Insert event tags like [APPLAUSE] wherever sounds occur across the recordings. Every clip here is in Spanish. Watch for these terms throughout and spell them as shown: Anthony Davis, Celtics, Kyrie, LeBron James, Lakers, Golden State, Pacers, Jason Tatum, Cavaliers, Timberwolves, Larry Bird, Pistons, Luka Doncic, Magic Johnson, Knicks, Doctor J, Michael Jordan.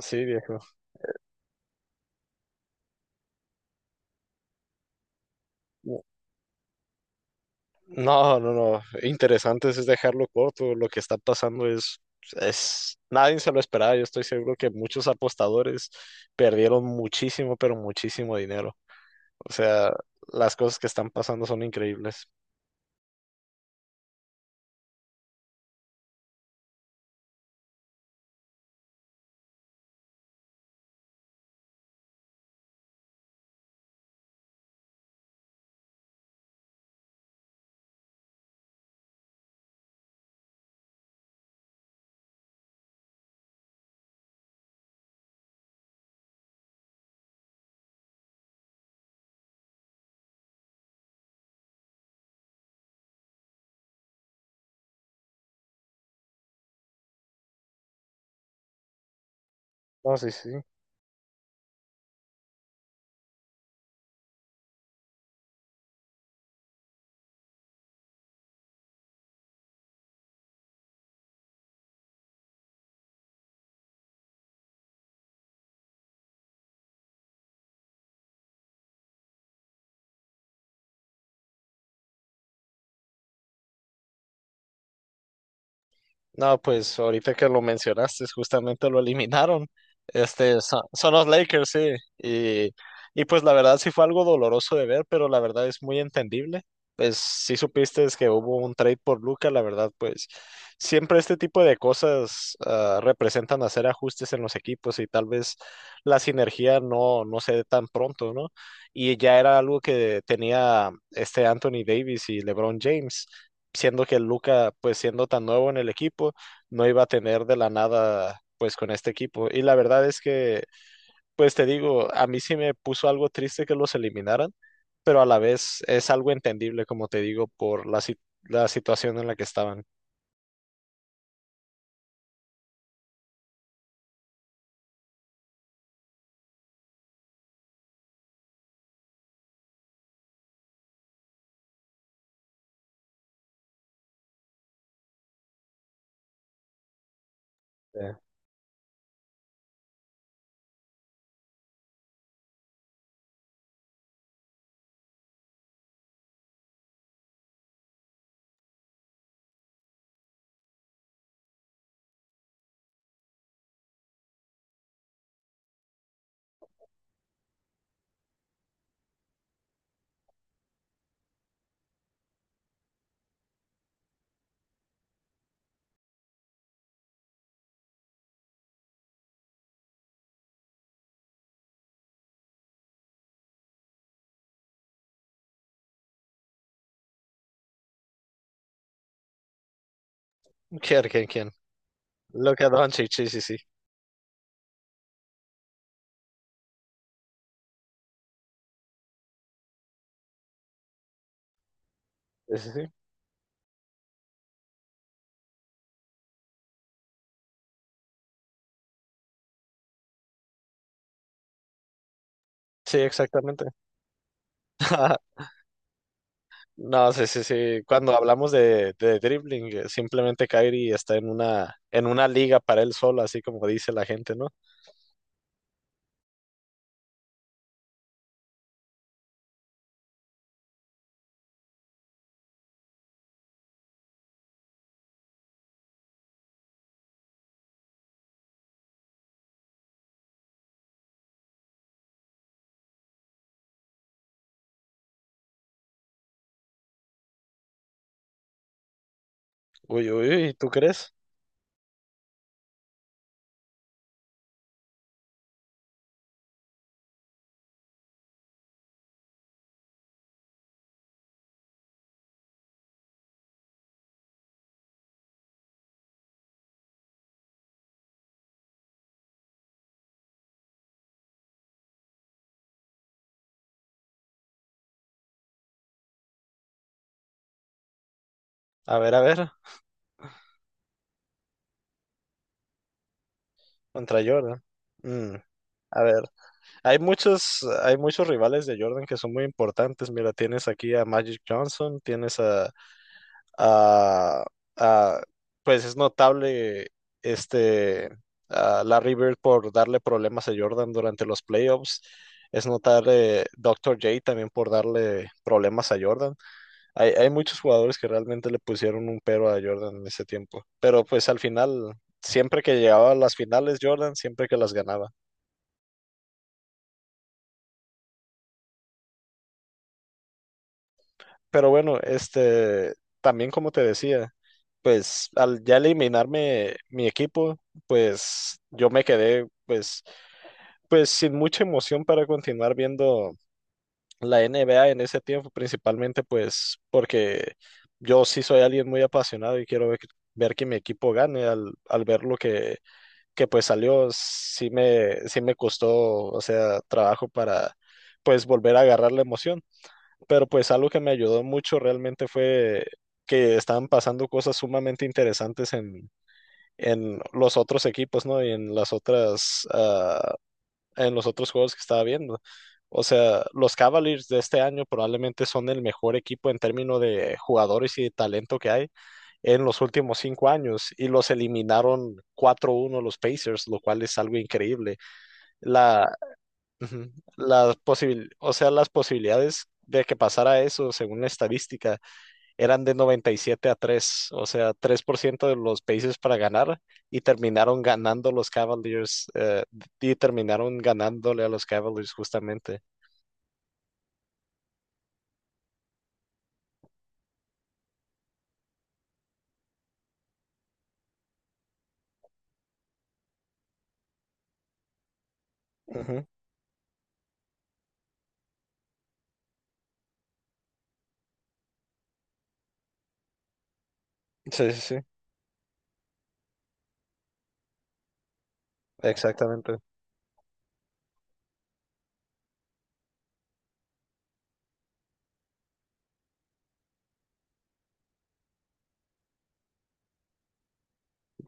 Sí, viejo. No, no, no. Interesante es dejarlo corto. Lo que está pasando es, nadie se lo esperaba. Yo estoy seguro que muchos apostadores perdieron muchísimo, pero muchísimo dinero. O sea, las cosas que están pasando son increíbles. No, sí, sí. No, pues ahorita que lo mencionaste, justamente lo eliminaron. Este, son los Lakers, sí. Y, y pues la verdad sí fue algo doloroso de ver, pero la verdad es muy entendible. Pues sí supiste es que hubo un trade por Luca, la verdad, pues siempre este tipo de cosas representan hacer ajustes en los equipos y tal vez la sinergia no se dé tan pronto, ¿no? Y ya era algo que tenía este Anthony Davis y LeBron James, siendo que Luca, pues siendo tan nuevo en el equipo, no iba a tener de la nada, pues con este equipo. Y la verdad es que, pues te digo, a mí sí me puso algo triste que los eliminaran, pero a la vez es algo entendible, como te digo, por la, si- la situación en la que estaban. Eh, [LAUGHS] quién? Luka Doncic, sí, sí, sí. Sí, sí, sí. Sí, exactamente. [LAUGHS] No, sí, sí, sí. Cuando hablamos de dribbling, simplemente Kyrie está en una liga para él solo, así como dice la gente, ¿no? Uy, uy, uy, ¿tú crees? A ver, contra Jordan. Mm, a ver. Hay muchos rivales de Jordan que son muy importantes. Mira, tienes aquí a Magic Johnson, tienes a- a- pues es notable este a Larry Bird por darle problemas a Jordan durante los playoffs. Es notable Doctor J también por darle problemas a Jordan. Hay muchos jugadores que realmente le pusieron un pero a Jordan en ese tiempo. Pero pues al final, siempre que llegaba a las finales, Jordan siempre que las ganaba. Pero bueno, este, también como te decía, pues al ya eliminarme mi equipo, pues yo me quedé pues sin mucha emoción para continuar viendo la NBA en ese tiempo, principalmente pues porque yo sí soy alguien muy apasionado y quiero ver que mi equipo gane al ver lo que pues salió, sí me costó, o sea, trabajo para pues volver a agarrar la emoción, pero pues algo que me ayudó mucho realmente fue que estaban pasando cosas sumamente interesantes en los otros equipos, ¿no? Y en las otras, en los otros juegos que estaba viendo. O sea, los Cavaliers de este año probablemente son el mejor equipo en términos de jugadores y de talento que hay en los últimos 5 años y los eliminaron 4-1 los Pacers, lo cual es algo increíble. La, Ujú. O sea, las posibilidades de que pasara eso, según la estadística, eran de 97-3, o sea, 3% de los países para ganar y terminaron ganando los Cavaliers, y terminaron ganándole a los Cavaliers justamente. Ujú. Sí, sí, sí, exactamente.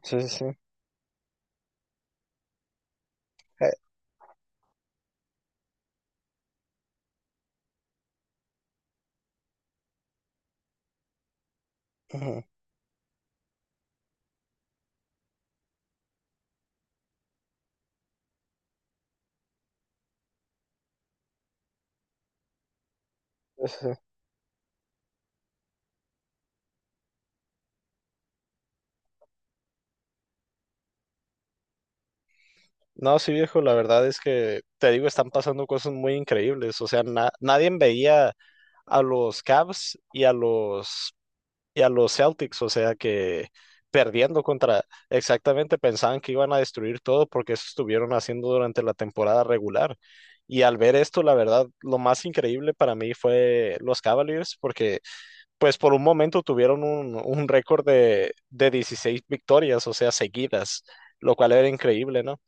Sí, sí, sí. Eh, ujú. Sí, sí, sí. No, sí, viejo, la verdad es que te digo, están pasando cosas muy increíbles, o sea, nadie veía a los Cavs y a los Celtics, o sea que perdiendo contra, exactamente pensaban que iban a destruir todo porque eso estuvieron haciendo durante la temporada regular. Y al ver esto, la verdad, lo más increíble para mí fue los Cavaliers, porque pues por un momento tuvieron un récord de 16 victorias, o sea, seguidas, lo cual era increíble, ¿no?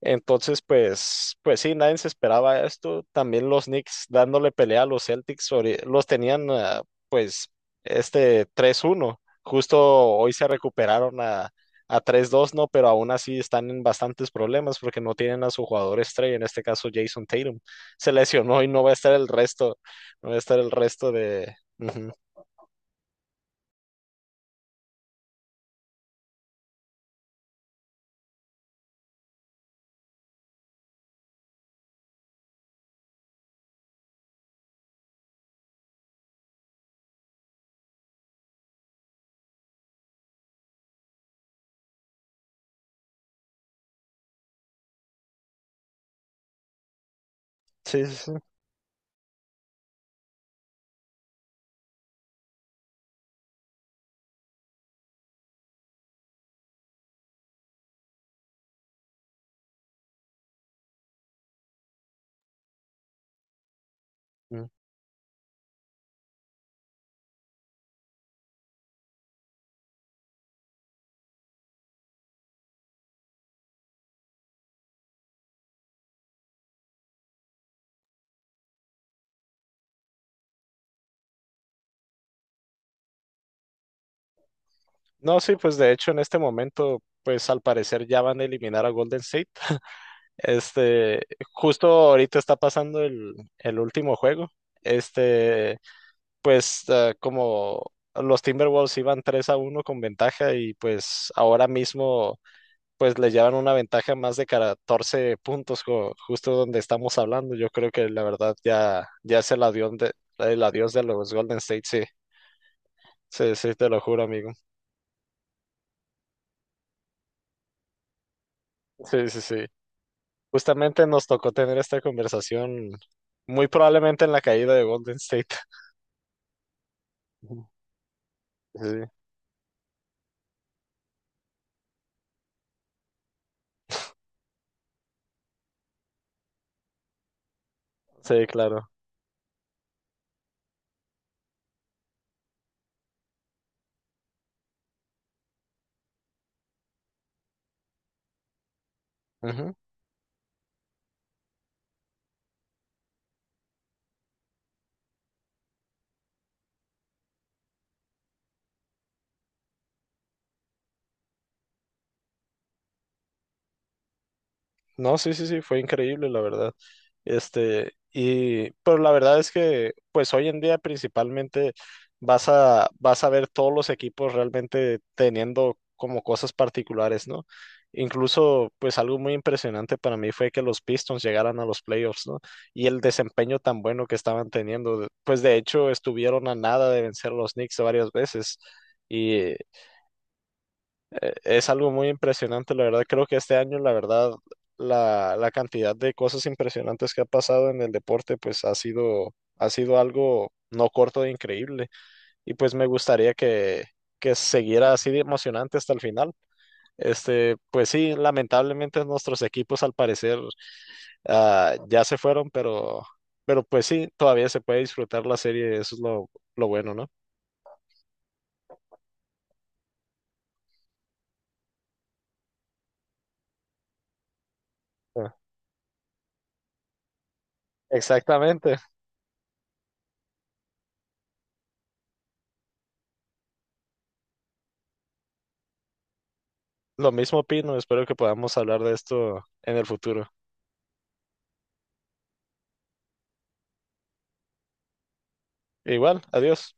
Entonces, pues sí, nadie se esperaba esto. También los Knicks dándole pelea a los Celtics, los tenían, pues, este, 3-1. Justo hoy se recuperaron a 3-2, ¿no? Pero aún así están en bastantes problemas porque no tienen a su jugador estrella, en este caso Jason Tatum. Se lesionó y no va a estar el resto, no va a estar el resto de... Ujú. Sí, sí, sí. Mm. No, sí, pues de hecho en este momento, pues al parecer ya van a eliminar a Golden State. Este, justo ahorita está pasando el último juego. Este, pues como los Timberwolves iban 3-1 con ventaja y pues ahora mismo pues le llevan una ventaja más de 14 puntos justo donde estamos hablando. Yo creo que la verdad ya, ya es el adiós el adiós de los Golden State, sí. Sí, sí, te lo juro, amigo. Sí, sí, sí. Justamente nos tocó tener esta conversación muy probablemente en la caída de Golden State. [LAUGHS] Sí. Sí, claro. Ujú. No, sí, sí, sí, fue increíble, la verdad. Este, y, pero la verdad es que, pues hoy en día principalmente vas a ver todos los equipos realmente teniendo como cosas particulares, ¿no? Incluso, pues algo muy impresionante para mí fue que los Pistons llegaran a los playoffs, ¿no? Y el desempeño tan bueno que estaban teniendo. Pues de hecho, estuvieron a nada de vencer a los Knicks varias veces. Es algo muy impresionante, la verdad. Creo que este año, la verdad, la cantidad de cosas impresionantes que ha pasado en el deporte, pues ha sido algo no corto de increíble. Y pues me gustaría que siguiera así de emocionante hasta el final. Este, pues sí, lamentablemente nuestros equipos al parecer ya se fueron, pero pues sí, todavía se puede disfrutar la serie, eso es lo bueno, ¿no? Ah, exactamente. Lo mismo opino, espero que podamos hablar de esto en el futuro. Igual, adiós.